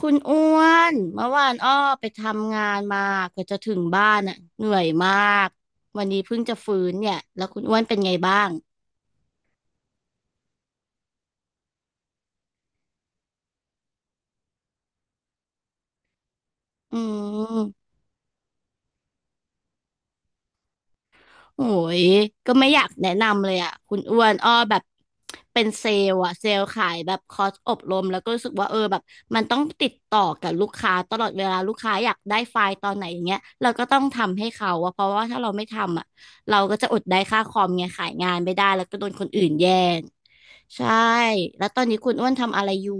คุณอ้วนเมื่อวานอ้อไปทำงานมากว่าจะถึงบ้านอ่ะเหนื่อยมากวันนี้เพิ่งจะฟื้นเนี่ยแล้วคุณอ้วนเป็นไงบ้างอืม โอ้ยก็ไม่อยากแนะนำเลยอ่ะคุณอ้วนอ้อแบบเป็นเซลล์อ่ะเซลล์ขายแบบคอร์สอบรมแล้วก็รู้สึกว่าเออแบบมันต้องติดต่อกับลูกค้าตลอดเวลาลูกค้าอยากได้ไฟล์ตอนไหนอย่างเงี้ยเราก็ต้องทำให้เขาอะเพราะว่าถ้าเราไม่ทำอ่ะเราก็จะอดได้ค่าคอมไงขายงานไม่ได้แล้วก็โดนคนอื่นแย่งใช่แล้วตอนนี้คุณอ้วนทำอะไรอยู่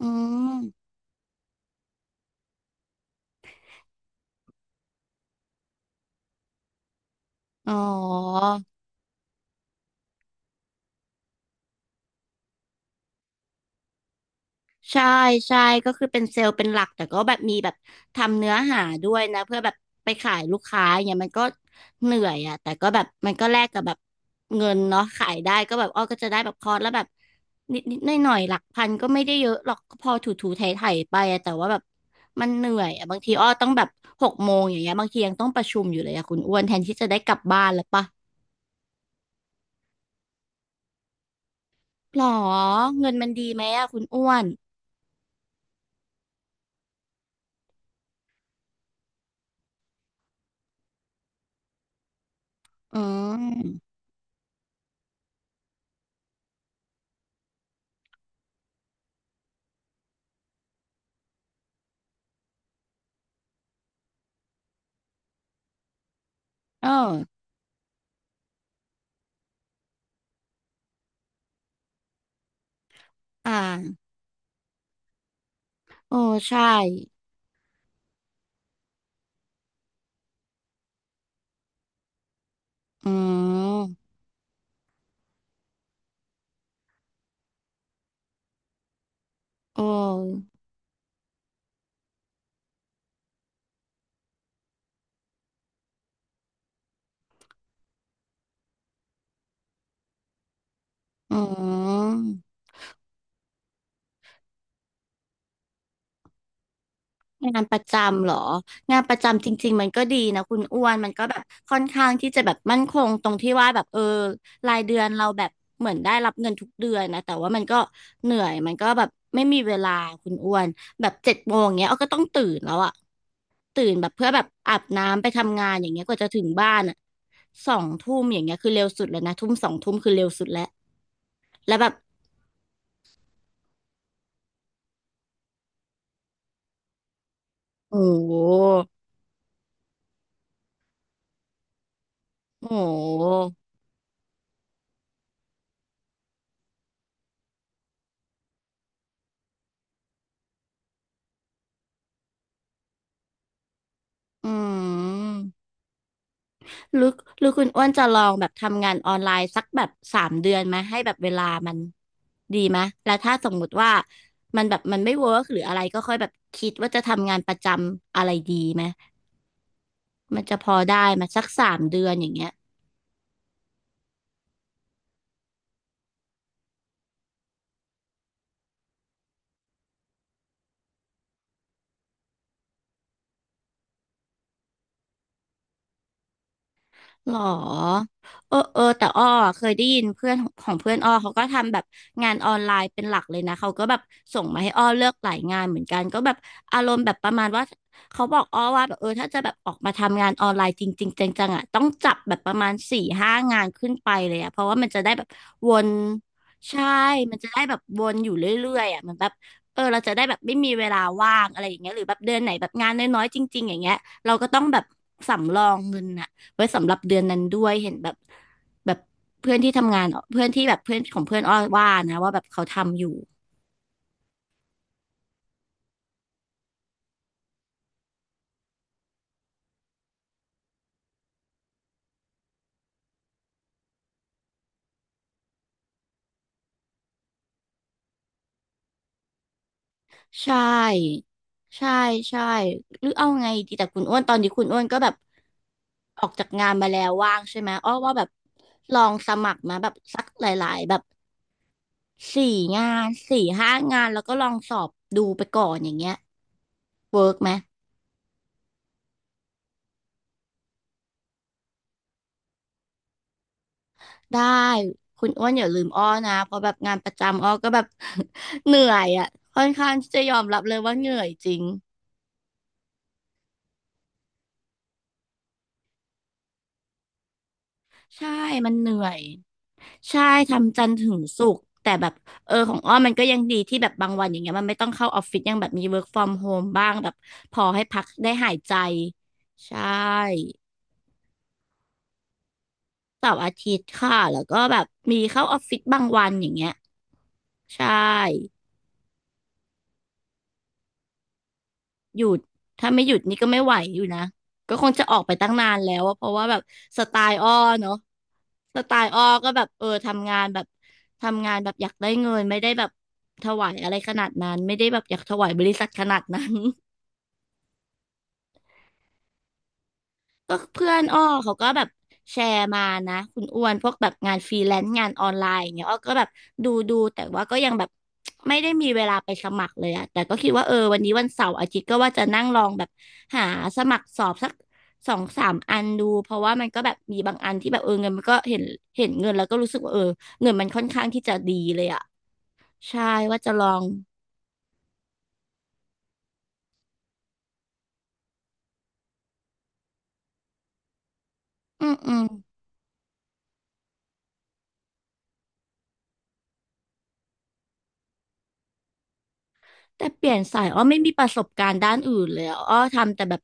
อืมอ๋อ ใช่ใช่ก็คือเป็นเซลล์เป็นหลักแต่ก็แบบมีแบบทำเนื้อหาด้วยนะเพื่อแบบไปขายลูกค้าอย่างเงี้ยมันก็เหนื่อยอ่ะแต่ก็แบบมันก็แลกกับแบบเงินเนาะขายได้ก็แบบอ้อก็จะได้แบบคอร์สแล้วแบบนิดนิดหน่อยหน่อยๆหลักพันก็ไม่ได้เยอะหรอกก็พอถูถูไถไถไปอะแต่ว่าแบบมันเหนื่อยอ่ะบางทีอ้อต้องแบบ6 โมงอย่างเงี้ยบางทียังต้องประชุมอยู่เลยอ่ะคุณอ้วนแทนที่จะได้กลับบ้านแล้วปะหรอเงินมันดีไหมอ่ะคุณอ้วนอืมเอออ่าโอ้ใช่ อืมโอ้อืมงานประจำเหรองานประจำจริงๆมันก็ดีนะคุณอ้วนมันก็แบบค่อนข้างที่จะแบบมั่นคงตรงที่ว่าแบบเออรายเดือนเราแบบเหมือนได้รับเงินทุกเดือนนะแต่ว่ามันก็เหนื่อยมันก็แบบไม่มีเวลาคุณอ้วนแบบ7 โมงเงี้ยเอาก็ต้องตื่นแล้วอะตื่นแบบเพื่อแบบอาบน้ำไปทำงานอย่างเงี้ยกว่าจะถึงบ้านอะสองทุ่มอย่างเงี้ยคือเร็วสุดแล้วนะทุ่มสองทุ่มคือเร็วสุดแล้วแล้วแบบโอ้โหโอ้โห อืมหรือหรือคุณอ้วนจะลองแบบทำงานออนไลน์สักแบบสามเดือนไหมให้แบบเวลามันดีไหมแล้วถ้าสมมุติว่ามันแบบมันไม่เวิร์กหรืออะไรก็ค่อยแบบคิดว่าจะทำงานประจำอะไรดีไหมมันจะพอได้ไหมสักสามเดือนอย่างเงี้ย หรอเออเออแต่อ้อเคยได้ยินเพื่อนของเพื่อนอ้อเขาก็ทำแบบงานออนไลน์เป็นหลักเลยนะเขาก็แบบส่งมาให้อ้อเลือกหลายงานเหมือนกันก็แบบอารมณ์แบบประมาณว่าเขาบอกอ้อว่าแบบเออถ้าจะแบบออกมาทำงานออนไลน์จริงๆจังๆอ่ะต้องจับแบบประมาณสี่ห้างานขึ้นไปเลยอ่ะเพราะว่ามันจะได้แบบวนใช่มันจะได้แบบวนอยู่เรื่อยๆอ่ะมันแบบเออเราจะได้แบบไม่มีเวลาว่างอะไรอย่างเงี้ยหรือแบบเดือนไหนแบบงานน้อยๆจริงๆอย่างเงี้ยเราก็ต้องแบบสำรองเงินอะ ไว้สำหรับเดือนนั้นด้วยเห็นแบบแบบเพื่อนที่ทำงานเพื่อนที่แบบเพื่อนของเพื่อนอ้อว่านะว่าแบบเขาทำอยู่ใช่ใช่ใช่หรือเอาไงดีแต่คุณอ้วนตอนนี้คุณอ้วนก็แบบออกจากงานมาแล้วว่างใช่ไหมอ้อว่าแบบลองสมัครมาแบบสักหลายๆแบบสี่สี่ห้างานแล้วก็ลองสอบดูไปก่อนอย่างเงี้ยเวิร์กไหม ได้คุณอ้วนอย่าลืมอ้อนะเพราะแบบงานประจำอ้อก็แบบ เหนื่อยอ่ะค่อนข้างที่จะยอมรับเลยว่าเหนื่อยจริงใช่มันเหนื่อยใช่ทำจันทร์ถึงศุกร์แต่แบบเออของอ้อมันก็ยังดีที่แบบบางวันอย่างเงี้ยมันไม่ต้องเข้าออฟฟิศยังแบบมี work from home บ้างแบบพอให้พักได้หายใจใช่เสาร์อาทิตย์ค่ะแล้วก็แบบมีเข้าออฟฟิศบางวันอย่างเงี้ยใช่ หยุดถ้าไม่หยุดนี่ก็ไม่ไหวอยู่นะก็คงจะออกไปตั้งนานแล้วอะเพราะว่าแบบสไตล์อ้อเนาะสไตล์อ้อก็แบบเออทำงานแบบอยากได้เงินไม่ได้แบบถวายอะไรขนาดนั้นไม่ได้แบบอยากถวายบริษัทขนาดนั้น ก็เพื่อนอ้อเขาก็แบบแชร์มานะคุณอ้วนพวกแบบงานฟรีแลนซ์งานออนไลน์อย่างเงี้ยอ้อก็แบบดูแต่ว่าก็ยังแบบไม่ได้มีเวลาไปสมัครเลยอะแต่ก็คิดว่าเออวันนี้วันเสาร์อาทิตย์ก็ว่าจะนั่งลองแบบหาสมัครสอบสักสองสามอันดูเพราะว่ามันก็แบบมีบางอันที่แบบเออเงินมันก็เห็นเงินแล้วก็รู้สึกว่าเออเงินมันค่อนข้างที่จะดีเลยอะใช่ว่าจะลองอืมอืม แต่เปลี่ยนสายอ้อไม่มีประสบการณ์ด้านอื่นเลยอะอ้อทำแต่แบบ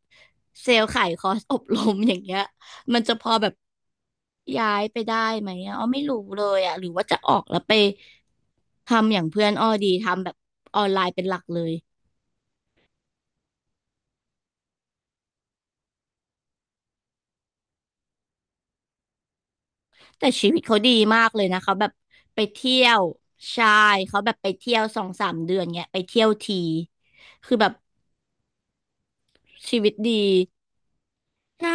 เซลล์ขายคอร์สอบรมอย่างเงี้ยมันจะพอแบบย้ายไปได้ไหมอะอ้อไม่รู้เลยอะหรือว่าจะออกแล้วไปทำอย่างเพื่อนอ้อดีทำแบบออนไลน์เป็นหลักเลยแต่ชีวิตเขาดีมากเลยนะเขาแบบไปเที่ยวใช่เขาแบบไปเที่ยวสองสามเดือนเงี้ยไปเที่ยวทีคือแบบชีวิตดีใช่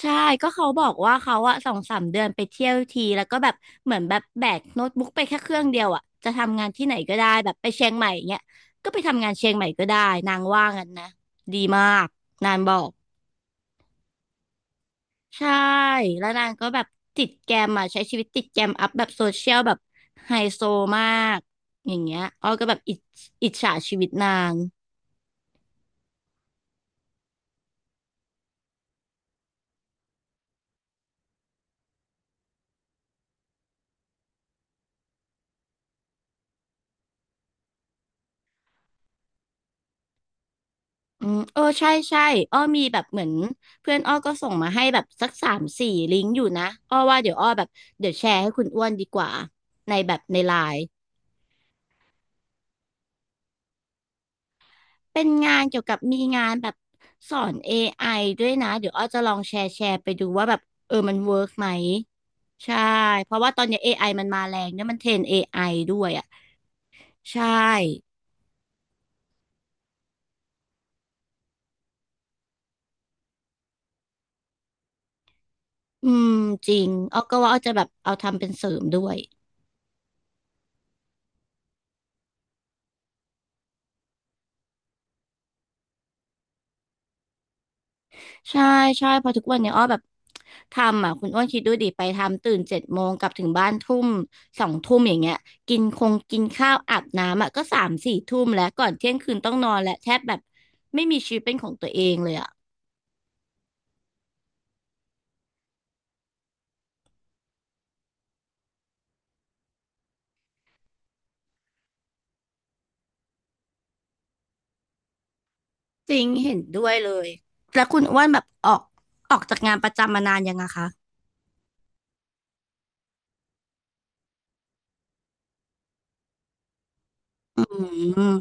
ใช่ก็เขาบอกว่าเขาอะสองสามเดือนไปเที่ยวทีแล้วก็แบบเหมือนแบบแบกโน้ตบุ๊กไปแค่เครื่องเดียวอะจะทำงานที่ไหนก็ได้แบบไปเชียงใหม่เงี้ยก็ไปทำงานเชียงใหม่ก็ได้นางว่างั้นนะดีมากนางบอกใช่แล้วนางก็แบบติดแกรมอะใช้ชีวิตติดแกรมอัพแบบโซเชียลแบบไฮโซมากอย่างเงี้ยอ้อก็แบบอิจฉาชีวิตนาง อืมเออใช่ใช่อ้อมีแบบเหมือนเพื่อนอ้อก็ส่งมาให้แบบสักสามสี่ลิงก์อยู่นะอ้อว่าเดี๋ยวอ้อแบบเดี๋ยวแชร์ให้คุณอ้วนดีกว่าในแบบในไลน์เป็นงานเกี่ยวกับมีงานแบบสอน AI ด้วยนะเดี๋ยวอ้อจะลองแชร์ไปดูว่าแบบเออมันเวิร์กไหมใช่เพราะว่าตอนเนี้ย AI มันมาแรงเนี่ยมันเทรน AI ด้วยอ่ะใช่อืมจริงอ้อก็ว่าอ้อจะแบบเอาทำเป็นเสริมด้วย ใช่ใช่เพอทุกวันเนี่ยอ้อแบบทำอ่ะคุณอ้วนคิดดูดิไปทำตื่นเจ็ดโมงกลับถึงบ้านทุ่มสองทุ่มอย่างเงี้ยกินคงกินข้าวอาบน้ำอ่ะก็สามสี่ทุ่มแล้วก่อนเที่ยงคืนต้องนอนและแทบแบบไม่มีชีวิตเป็นของตัวเองเลยอ่ะจริงเห็นด้วยเลยแล้วคุณอ้วนแบบออกจากงานประจำมานานยังอะคะอืม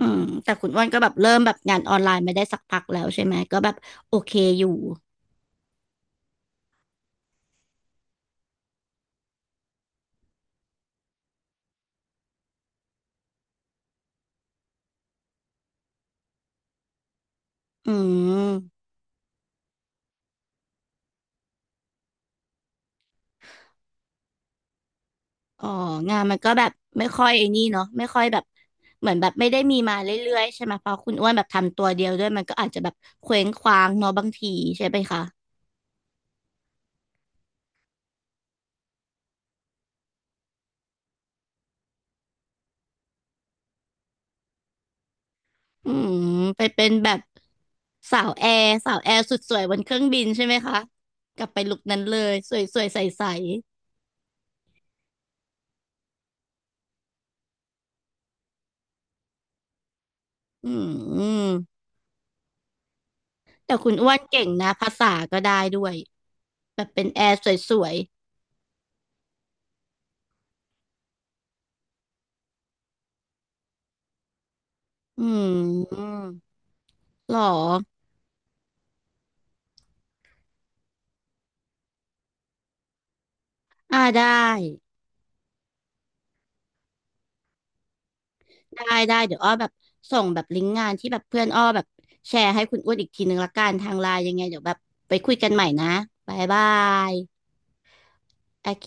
อืมแต่คุณอ้วนก็แบบเริ่มแบบงานออนไลน์ไม่ได้สักพักแล้วใช่ไหมก็แบบโอเคอยู่อืม อ๋องานมันก็แบบไม่ค่อยไอ้นี่เนาะไม่ค่อยแบบเหมือนแบบไม่ได้มีมาเรื่อยๆใช่ไหมเพราะคุณอ้วนแบบทำตัวเดียวด้วยมันก็อาจจะแบบเคว้งคว้างเนาะบางทีใช่ไหมคะอืมไปเป็นแบบสาวแอร์สุดสวยบนเครื่องบินใช่ไหมคะกลับไปลุคนั้นเลยสวยสวยใสๆอืมแต่คุณอ้วนเก่งนะภาษาก็ได้ด้วยแบบเป็นแอร์สวยๆอืมหรออ่าได้ ได้ได้เดี๋ยวอ้อแบบส่งแบบลิงก์งานที่แบบเพื่อนอ้อแบบแชร์ให้คุณอ้วนอีกทีนึงละกันทางไลน์ยังไงเดี๋ยวแบบไปคุยกันใหม่นะบายบายโอเค